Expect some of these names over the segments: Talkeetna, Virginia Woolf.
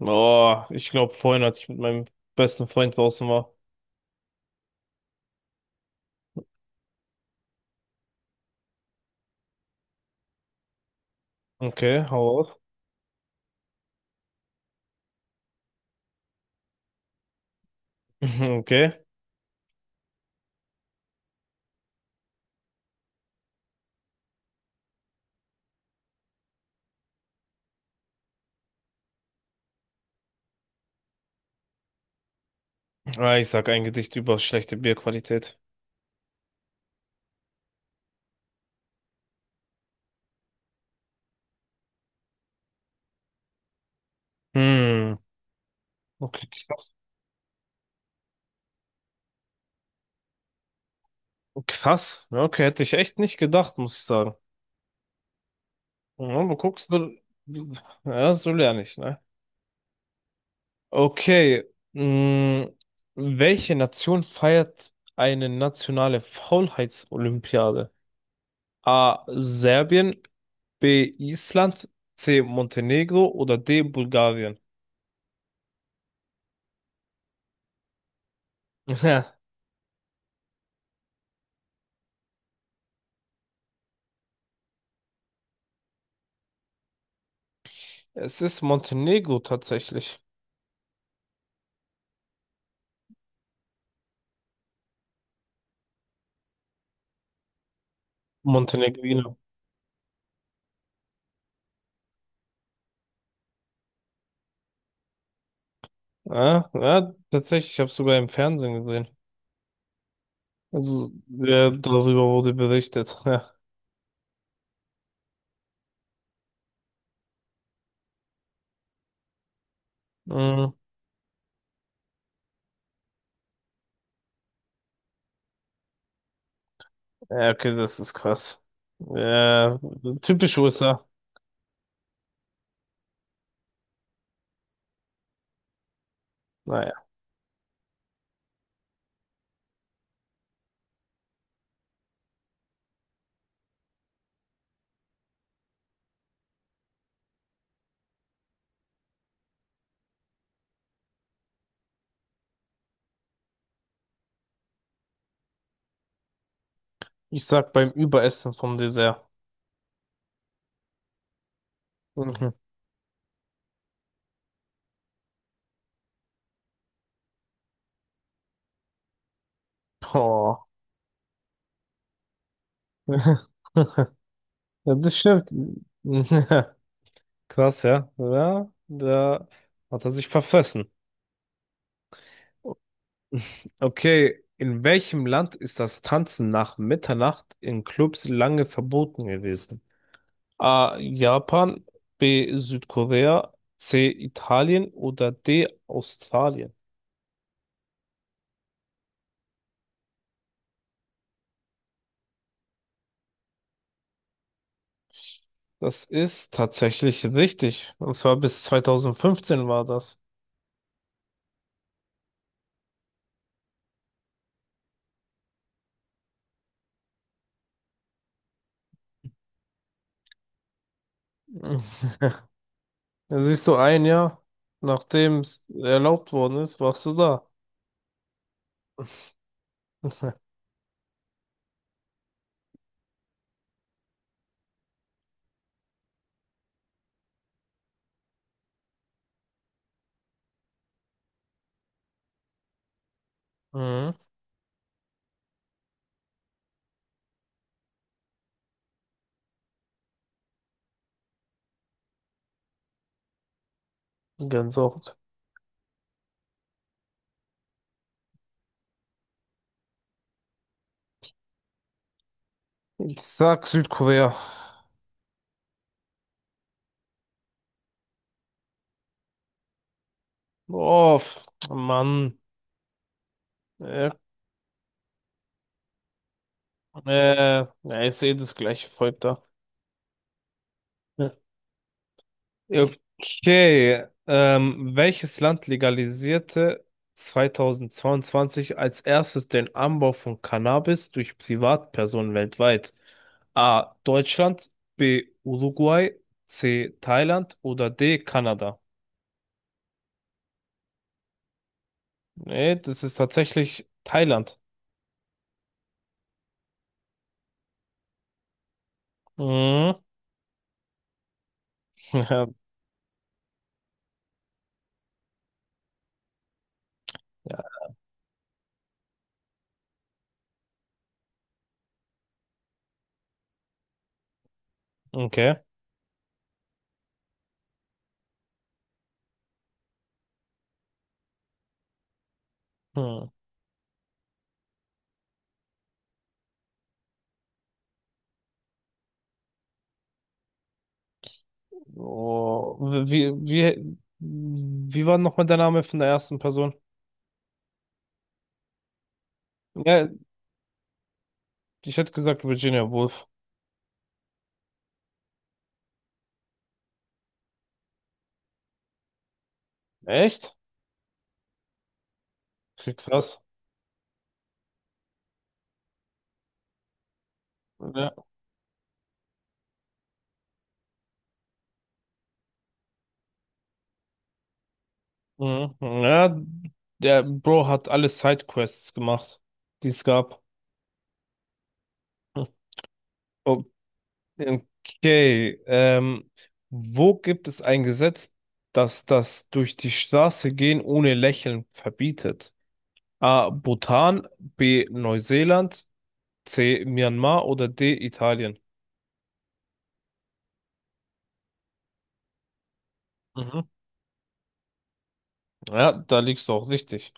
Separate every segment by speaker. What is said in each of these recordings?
Speaker 1: Oh, ich glaube vorhin, als ich mit meinem besten Freund draußen war. Okay, hau auf. Okay. Ah, ich sag ein Gedicht über schlechte Bierqualität. Hm, okay, krass. Krass. Ja, okay, hätte ich echt nicht gedacht, muss ich sagen. Ja, du guckst, ja, so lerne ich, ne? Okay. Hm, welche Nation feiert eine nationale Faulheitsolympiade? A. Serbien, B. Island, C. Montenegro oder D. Bulgarien? Ja, es ist Montenegro tatsächlich. Montenegrino. Ja, ja, tatsächlich, ich habe es sogar im Fernsehen gesehen. Also, ja, darüber wurde berichtet. Ja. Mhm. Ja, okay, das ist krass. Ja, typisch USA. Naja, ich sag beim Überessen vom Dessert. Mhm. Oh. Ja, das stimmt. Krass, ja. Ja, da hat er sich verfressen. Okay, in welchem Land ist das Tanzen nach Mitternacht in Clubs lange verboten gewesen? A. Japan, B. Südkorea, C. Italien oder D. Australien. Das ist tatsächlich richtig. Und zwar bis 2015 war das. Mhm. Da siehst du ein Jahr, nachdem es erlaubt worden ist, warst du da. Mhm. Gänsehaut. Ich sag Südkorea. Oh, Mann. Ja, äh, ja, ich sehe das gleiche Volk da. Ja. Okay, welches Land legalisierte 2022 als erstes den Anbau von Cannabis durch Privatpersonen weltweit? A. Deutschland, B. Uruguay, C. Thailand oder D. Kanada? Nee, das ist tatsächlich Thailand. Mhm. Ja, okay. Hm. Oh, wie war nochmal der Name von der ersten Person? Ja, ich hätte gesagt Virginia Woolf. Echt? Okay, krass. Ja. Mhm. Ja, der Bro hat alle Sidequests gemacht, die es gab. Oh, okay, wo gibt es ein Gesetz, das durch die Straße gehen ohne Lächeln verbietet? A. Bhutan, B. Neuseeland, C. Myanmar oder D. Italien? Mhm. Ja, da liegst du auch richtig.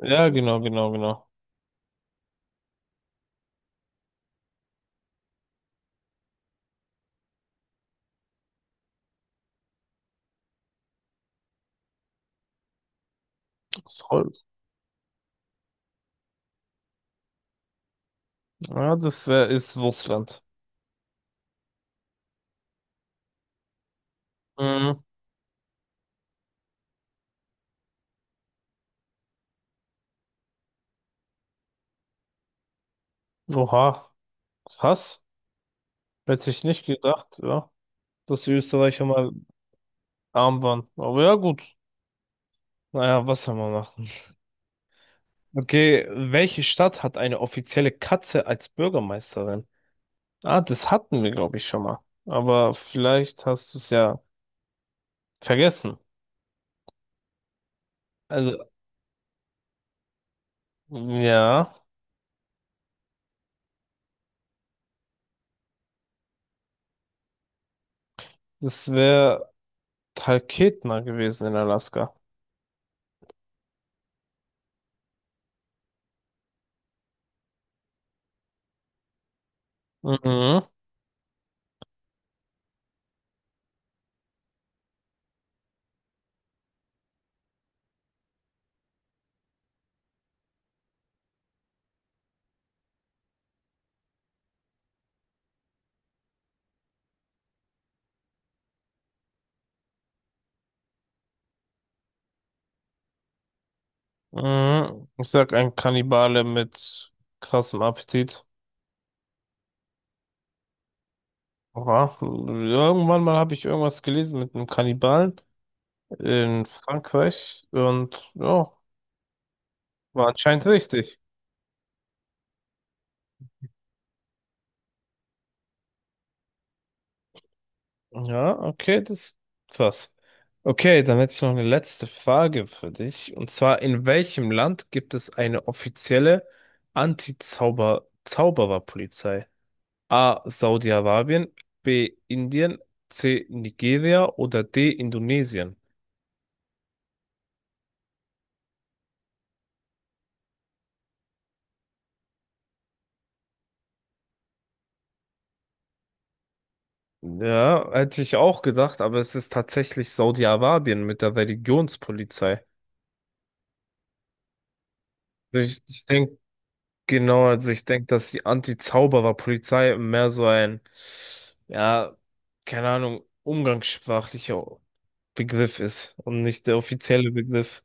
Speaker 1: Ja, genau. Ja, das wär, ist Russland. Mhm. Oha, krass. Hätte ich nicht gedacht, ja, dass die Österreicher mal arm waren. Aber ja, gut. Naja, was soll man machen? Okay, welche Stadt hat eine offizielle Katze als Bürgermeisterin? Ah, das hatten wir, glaube ich, schon mal. Aber vielleicht hast du es ja vergessen. Also, ja, das wäre Talkeetna gewesen in Alaska. Mhm. Mhm. Ich sag ein Kannibale mit krassem Appetit. Oha. Irgendwann mal habe ich irgendwas gelesen mit einem Kannibalen in Frankreich und ja, war anscheinend richtig. Ja, okay, das ist krass. Okay, dann hätte ich noch eine letzte Frage für dich. Und zwar, in welchem Land gibt es eine offizielle Anti-Zauber-Zaubererpolizei? A. Saudi-Arabien, B. Indien, C. Nigeria oder D. Indonesien? Ja, hätte ich auch gedacht, aber es ist tatsächlich Saudi-Arabien mit der Religionspolizei. Also ich denke, genau, also ich denke, dass die Anti-Zauberer-Polizei mehr so ein, ja, keine Ahnung, umgangssprachlicher Begriff ist und nicht der offizielle Begriff.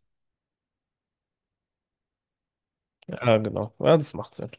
Speaker 1: Ja, genau. Ja, das macht Sinn.